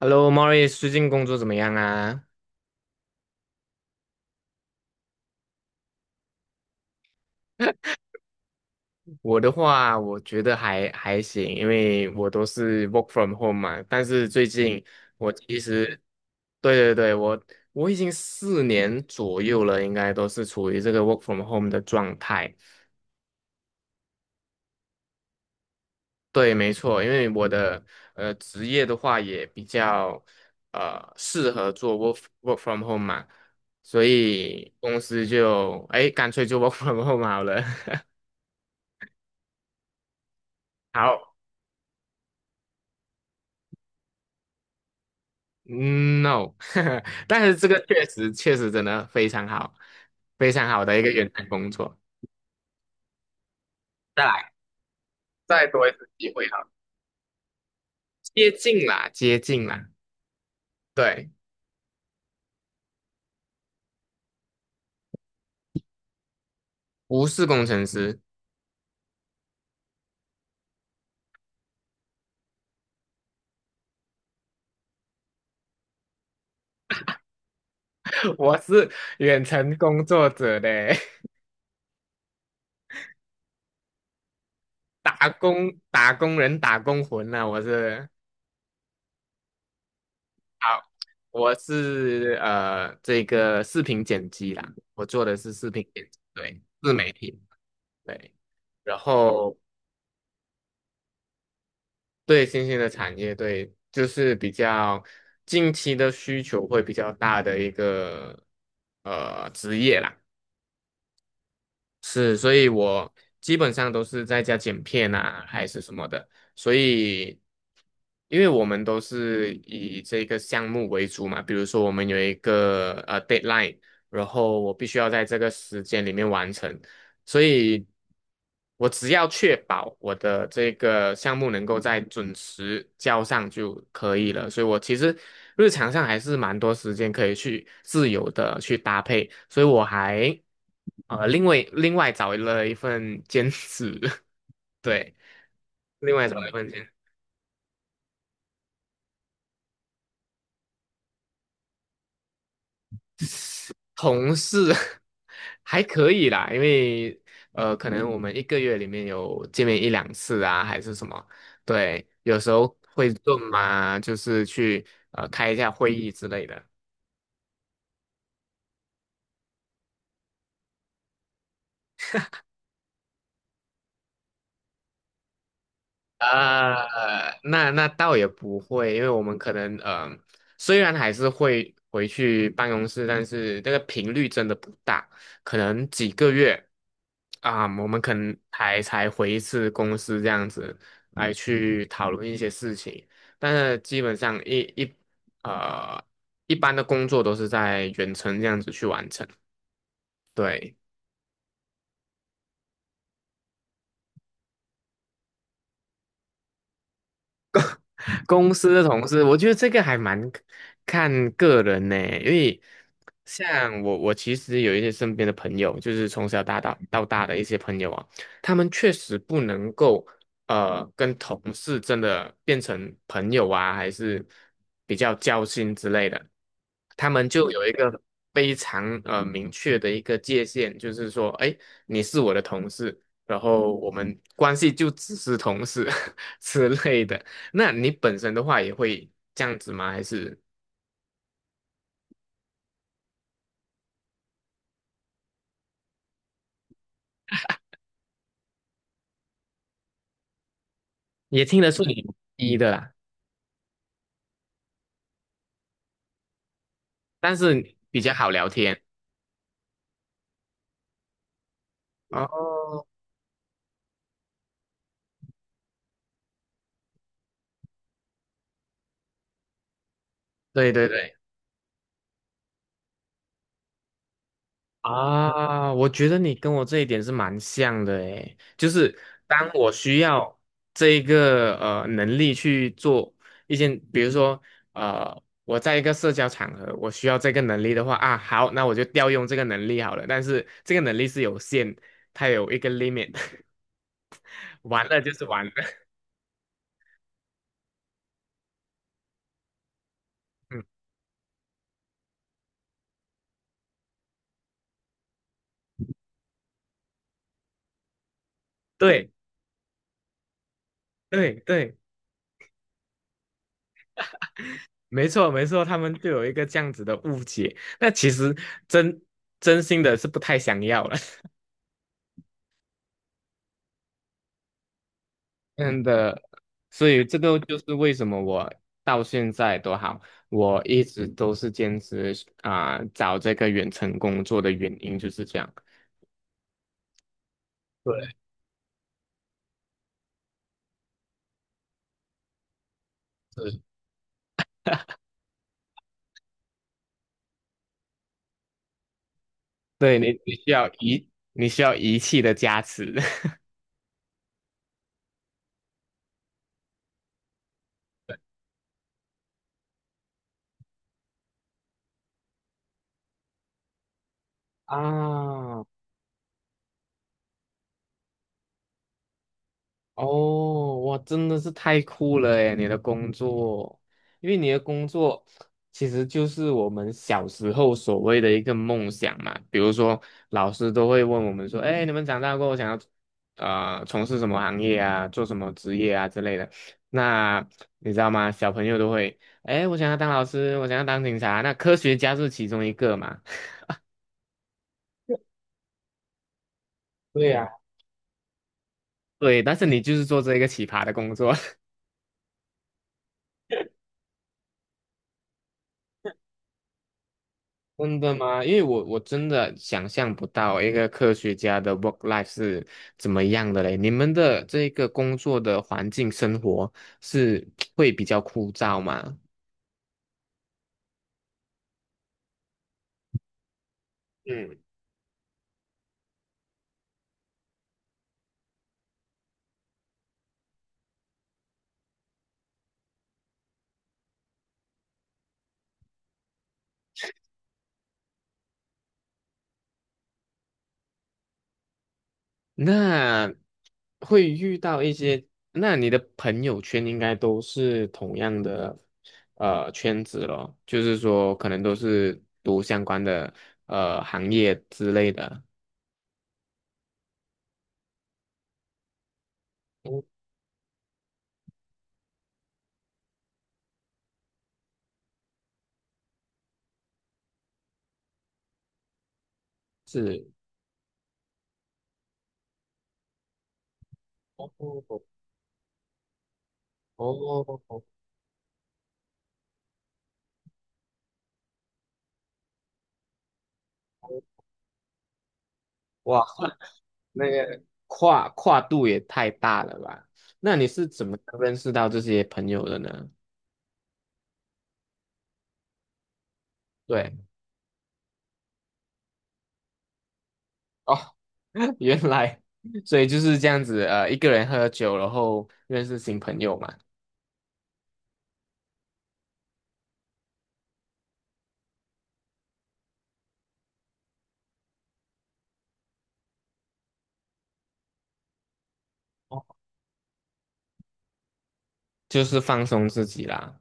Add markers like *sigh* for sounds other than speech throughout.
Hello, Mori， 最近工作怎么样啊？我的话，我觉得还行，因为我都是 work from home 嘛。但是最近我其实，对对对，我已经4年左右了，应该都是处于这个 work from home 的状态。对，没错，因为我的职业的话也比较适合做 work from home 嘛，所以公司就哎干脆就 work from home 好了。*laughs* 好。嗯， No，*laughs* 但是这个确实真的非常好，非常好的一个远程工作。再来，再多一次机会哈，接近啦，接近啦，对，不是工程师，*laughs* 我是远程工作者嘞，*laughs* 打工打工人打工魂呐、好，我是这个视频剪辑啦，我做的是视频剪辑，对，自媒体，对。然后对新兴的产业，对，就是比较近期的需求会比较大的一个职业啦。是，所以我基本上都是在家剪片啊，还是什么的。所以，因为我们都是以这个项目为主嘛，比如说我们有一个deadline，然后我必须要在这个时间里面完成，所以我只要确保我的这个项目能够在准时交上就可以了。所以我其实日常上还是蛮多时间可以去自由的去搭配，所以我还。另外找了一份兼职，*laughs* 对，另外找了一份兼职，同事 *laughs* 还可以啦，因为可能我们一个月里面有见面一两次啊，还是什么，对，有时候会 嘛，就是去开一下会议之类的。啊，那倒也不会，因为我们可能虽然还是会回去办公室，但是那个频率真的不大，可能几个月啊，我们可能才回一次公司这样子来去讨论一些事情，但是基本上呃一般的工作都是在远程这样子去完成，对。*laughs* 公司的同事，我觉得这个还蛮看个人呢，因为像我其实有一些身边的朋友，就是从小到大的一些朋友啊，他们确实不能够跟同事真的变成朋友啊，还是比较交心之类的，他们就有一个非常明确的一个界限，就是说，哎，你是我的同事，然后我们关系就只是同事 *laughs* 之类的。那你本身的话也会这样子吗？还是也听得出你一的啦，但是比较好聊天。哦，对对对，啊，我觉得你跟我这一点是蛮像的诶，就是当我需要这一个能力去做一件，比如说我在一个社交场合，我需要这个能力的话啊，好，那我就调用这个能力好了。但是这个能力是有限，它有一个 limit，*laughs* 完了就是完了。*laughs* 嗯，对。对对，没错没错，他们就有一个这样子的误解。那其实真真心的是不太想要了，*laughs* 真的。所以这个就是为什么我到现在都好，我一直都是坚持啊、找这个远程工作的原因就是这样。对，是对你，你需要仪器的加持 *laughs* 啊。哦，哇，真的是太酷了诶，你的工作，因为你的工作其实就是我们小时候所谓的一个梦想嘛。比如说，老师都会问我们说：“哎，你们长大过后想要从事什么行业啊，做什么职业啊之类的。”那你知道吗？小朋友都会：“哎，我想要当老师，我想要当警察。”那科学家是其中一个嘛？*laughs* 对呀。*laughs* 对，但是你就是做这一个奇葩的工作。真的吗？因为我真的想象不到一个科学家的 work life 是怎么样的嘞。你们的这个工作的环境生活是会比较枯燥吗？嗯，那会遇到一些，那你的朋友圈应该都是同样的圈子咯，就是说可能都是读相关的行业之类的。嗯，是，哦哦。哇，*laughs* 那个跨度也太大了吧？那你是怎么认识到这些朋友的呢？对，哦，*laughs* 原来，所以就是这样子，一个人喝酒，然后认识新朋友嘛，哦，就是放松自己啦。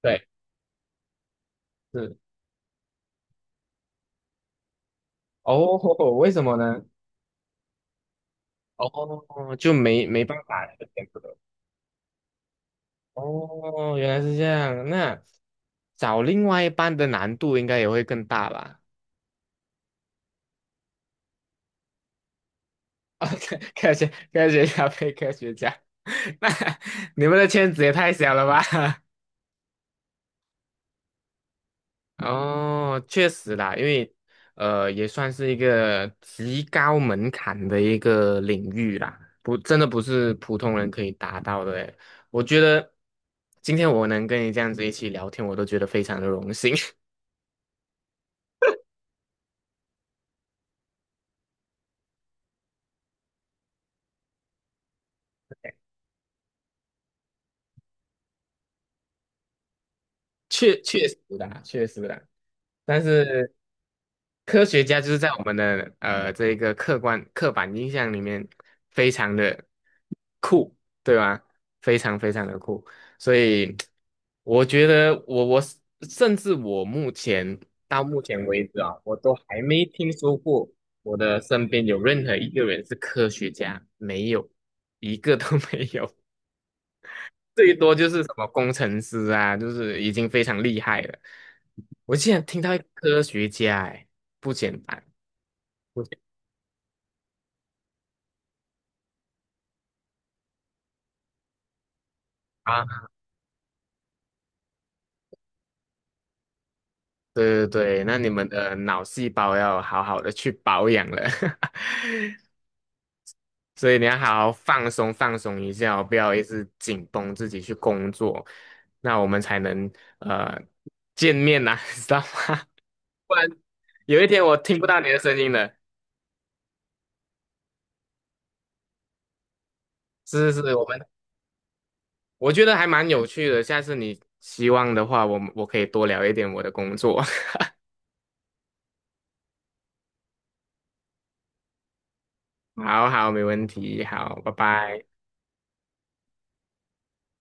对，是。哦，*laughs* 为什么呢？哦，就没办法了，这样子的哦，原来是这样，那找另外一半的难度应该也会更大吧？哦，*laughs* 科学家配科学家，*laughs* 那你们的圈子也太小了吧？*laughs* 哦，确实啦，因为也算是一个极高门槛的一个领域啦，不，真的不是普通人可以达到的诶。我觉得今天我能跟你这样子一起聊天，我都觉得非常的荣幸。*laughs* 确实的，但是。科学家就是在我们的这一个客观刻板印象里面非常的酷，对吧？非常非常的酷，所以我觉得我甚至我目前到目前为止啊，我都还没听说过我的身边有任何一个人是科学家，没有一个都 *laughs* 没有，最多就是什么工程师啊，就是已经非常厉害了。我竟然听到一个科学家，哎，不简单。啊，对对对，那你们的脑细胞要好好的去保养了，*laughs* 所以你要好好放松放松一下哦，不要一直紧绷自己去工作，那我们才能呃见面呐、*laughs* 知道吗？不然有一天我听不到你的声音了。是是是，我觉得还蛮有趣的，下次你希望的话，我们我可以多聊一点我的工作。*laughs* 好好，没问题，好，拜拜。